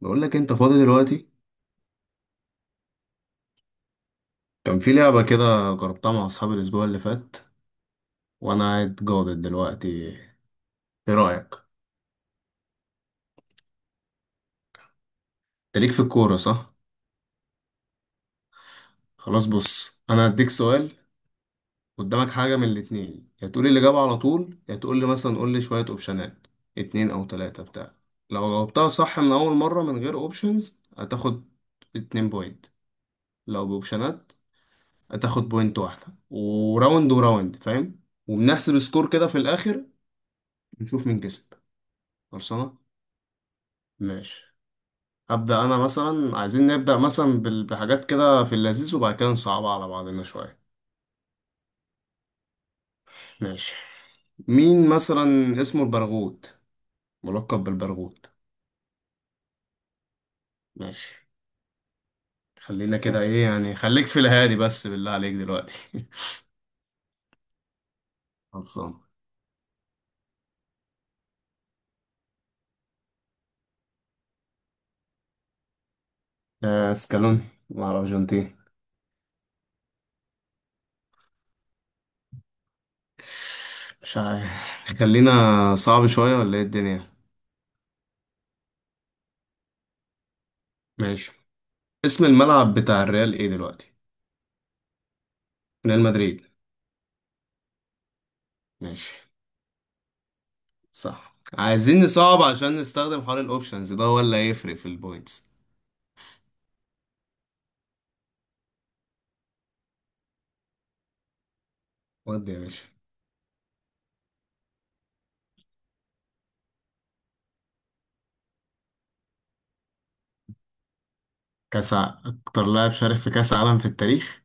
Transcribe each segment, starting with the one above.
بقول لك انت فاضي دلوقتي. كان في لعبة كده جربتها مع اصحابي الاسبوع اللي فات وانا قاعد جاضد دلوقتي. ايه رأيك؟ انت ليك في الكورة صح؟ خلاص، بص انا هديك سؤال. قدامك حاجة من الاتنين، يا تقول لي الإجابة على طول، يا تقول لي مثلا، قول لي شوية اوبشنات، اتنين او تلاتة بتاع. لو جاوبتها صح من اول مرة من غير اوبشنز هتاخد 2 بوينت. لو باوبشنات هتاخد بوينت واحدة، وراوند وراوند، فاهم؟ وبنحسب سكور كده في الاخر، نشوف مين كسب. خلصانة. ماشي. هبدأ أنا مثلا، عايزين نبدأ مثلا بحاجات كده في اللذيذ، وبعد كده نصعبها على بعضنا شوية. ماشي. مين مثلا اسمه البرغوت، ملقب بالبرغوت؟ ماشي، خلينا كده، إيه يعني، خليك في الهادي بس بالله عليك دلوقتي. خلصان. سكالوني، مع الأرجنتين. مش عارف، خلينا، صعب شوية ولا إيه الدنيا؟ ماشي. اسم الملعب بتاع الريال إيه دلوقتي؟ ريال مدريد. ماشي. صح، عايزين نصعب عشان نستخدم حوار الاوبشنز ده، هو اللي هيفرق في البوينتس. ودي يا باشا. اكتر لاعب شارك في كاس عالم في التاريخ.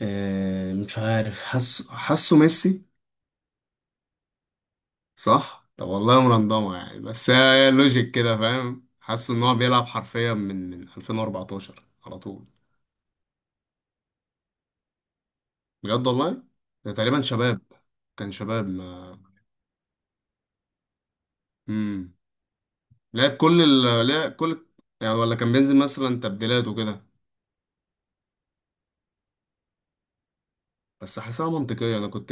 مش عارف، حاسه ميسي. صح، طب والله مرندمه يعني، بس هي لوجيك كده، فاهم، حاسه ان هو بيلعب حرفيا من 2014 على طول. بجد والله؟ ده تقريبا شباب، كان شباب ما. امم لعب كل. يعني ولا كان بينزل مثلا تبديلات وكده؟ بس حاسسها منطقية، أنا كنت.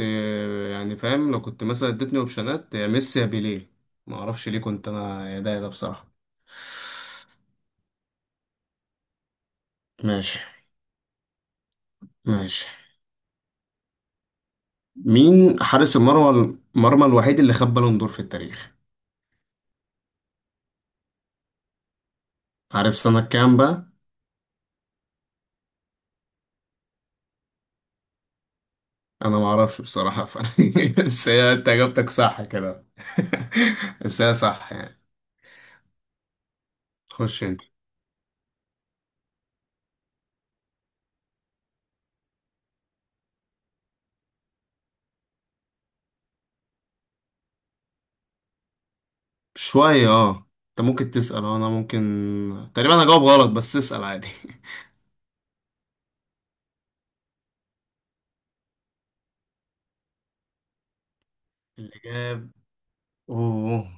يعني فاهم، لو كنت مثلا اديتني أوبشنات يا ميسي يا بيليه. ما أعرفش ليه، كنت أنا يا ده يا ده بصراحة. ماشي. ماشي. مين حارس المرمى الوحيد اللي خد بالون دور في التاريخ؟ عارف سنة كام بقى؟ أنا ما أعرفش بصراحة بس هي أنت إجابتك صح كده. بس هي صح يعني. خش أنت. شوية أه. أنت ممكن تسأل، أنا ممكن تقريبا هجاوب غلط، بس اسأل عادي اللي جاب، أوه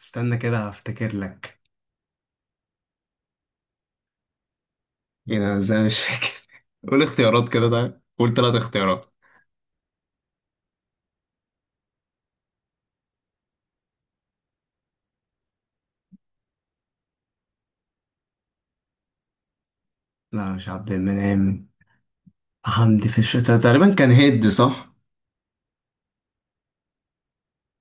استنى كده هفتكر لك. ايه ده، أنا ازاي مش فاكر قول اختيارات كده، طيب قول ثلاث اختيارات. لا، مش عبد المنعم. حمدي، في الشتاء تقريبا، كان هيد صح؟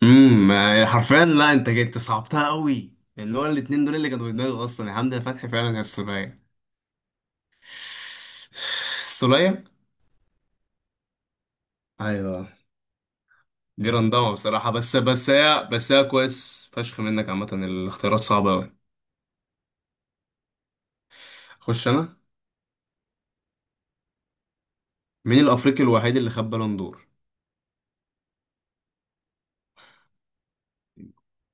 يعني حرفيا لا، انت جيت أنت صعبتها قوي لان هو الاتنين دول اللي كانوا في دماغي اصلا، يا حمدي فتحي فعلا يا السولية. السولية. ايوه. دي رندمة بصراحة، بس هي كويس فشخ منك، عامة الاختيارات صعبة قوي. خش انا. مين الافريقي الوحيد اللي خد بالون دور؟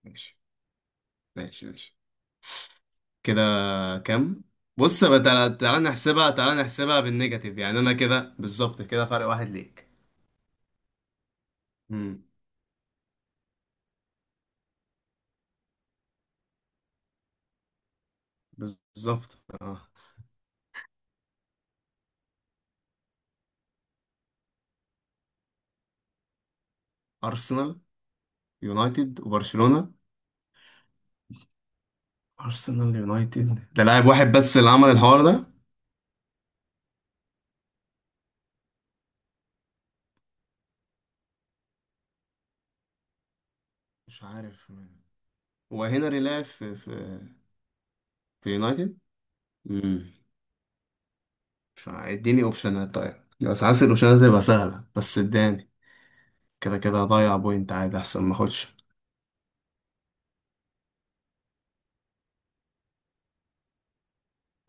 ماشي. ماشي. ماشي. كده كام؟ بص بقى، تعالى تعالى نحسبها، تعالى نحسبها بالنيجاتيف، يعني انا كده بالظبط كده فرق واحد ليك. امم بالظبط اه. ارسنال يونايتد وبرشلونة. ارسنال يونايتد، ده لاعب واحد بس اللي عمل الحوار ده. مش عارف مين. هو هنري لعب في يونايتد؟ امم مش عارف. اديني اوبشنات طيب. بس حاسس الاوبشنات هتبقى سهلة، بس اداني. كده كده هضيع بوينت عادي، احسن ما اخدش.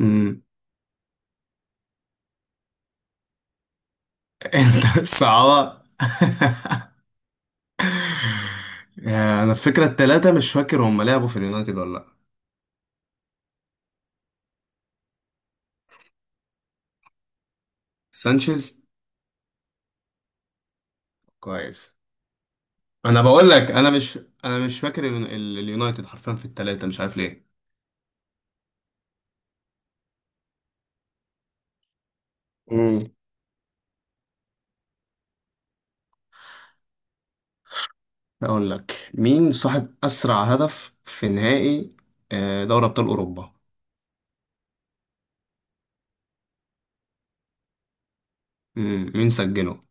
امم انت الصعبة انا الفكره التلاتة مش فاكر هم لعبوا في اليونايتد ولا لا. سانشيز. كويس. انا بقول لك، انا مش فاكر اليونايتد حرفيا في التلاتة، مش عارف ليه. امم اقول لك، مين صاحب اسرع هدف في نهائي دوري ابطال اوروبا؟ مين سجله؟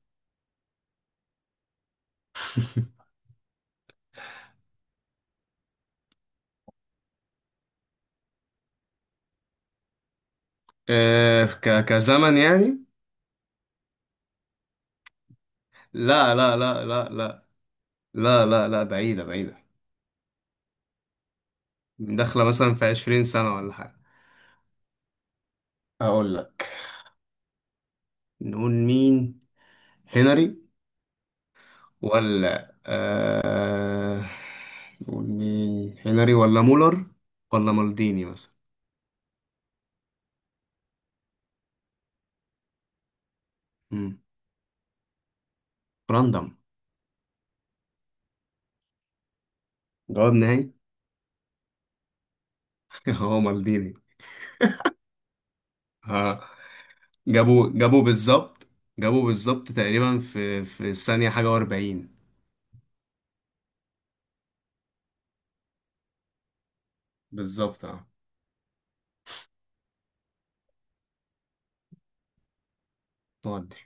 آه، ك كزمن يعني؟ لا، لا، لا، لا، لا، لا، لا، لا، بعيدة بعيدة. داخلة مثلا في 20 سنة ولا حاجة؟ أقول لك، نقول مين هنري ولا آه... نقول مين هنري ولا مولر ولا مالديني مثلا؟ مم. راندم. جواب نهائي. هو مالديني. ها؟ جابوا بالظبط. جابوا بالظبط تقريبا في الثانية حاجة و40. بالظبط اه. تودي.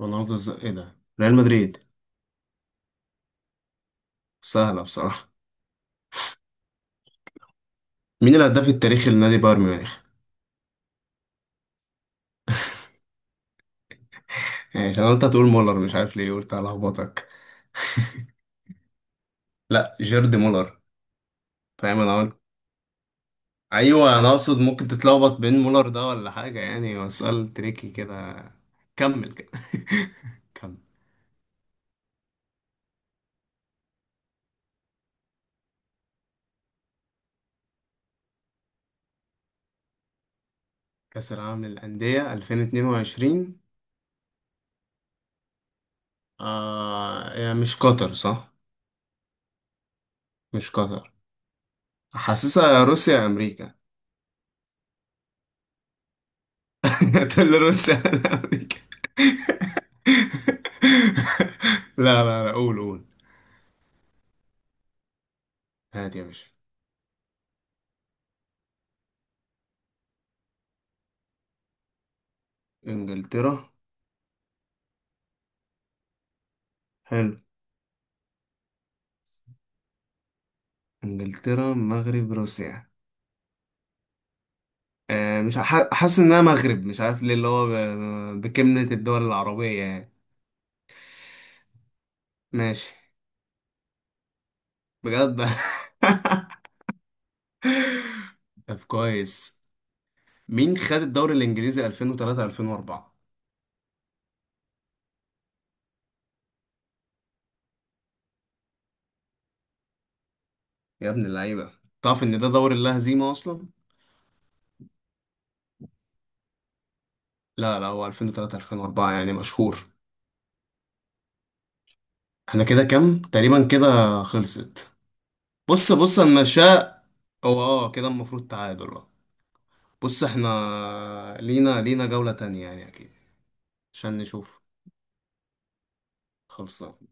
رونالدو ايه ده، ريال مدريد. سهلة بصراحة. مين الهداف التاريخي لنادي بايرن ميونخ؟ يعني عشان أنا قلت هتقول مولر، مش عارف ليه، قلت هلخبطك. لا، جيرد مولر. فاهم انا. ايوه، انا اقصد ممكن تتلخبط بين مولر ده ولا حاجه، يعني هو سؤال تريكي كده. كمل كده كمل. كاس العالم للانديه 2022؟ يعني مش قطر صح؟ مش قطر. حاسسها روسيا يا امريكا تقول لي روسيا ولا امريكا؟ لا، لا، لا، قول قول. هات يا باشا. انجلترا. حلو. انجلترا، المغرب، روسيا. مش حاسس انها مغرب، مش عارف ليه، اللي هو بكلمة الدول العربية يعني. ماشي. بجد طب كويس. مين خد الدوري الانجليزي 2003 2004؟ يا ابن اللعيبة. تعرف ان ده دوري لا هزيمة اصلا؟ لا، لا، هو 2003 2004 يعني مشهور. احنا كده كام تقريبا كده؟ خلصت. بص بص المشاء. هو اه كده المفروض تعادل بقى. بص، احنا لينا جولة تانية يعني اكيد. عشان نشوف. خلصان.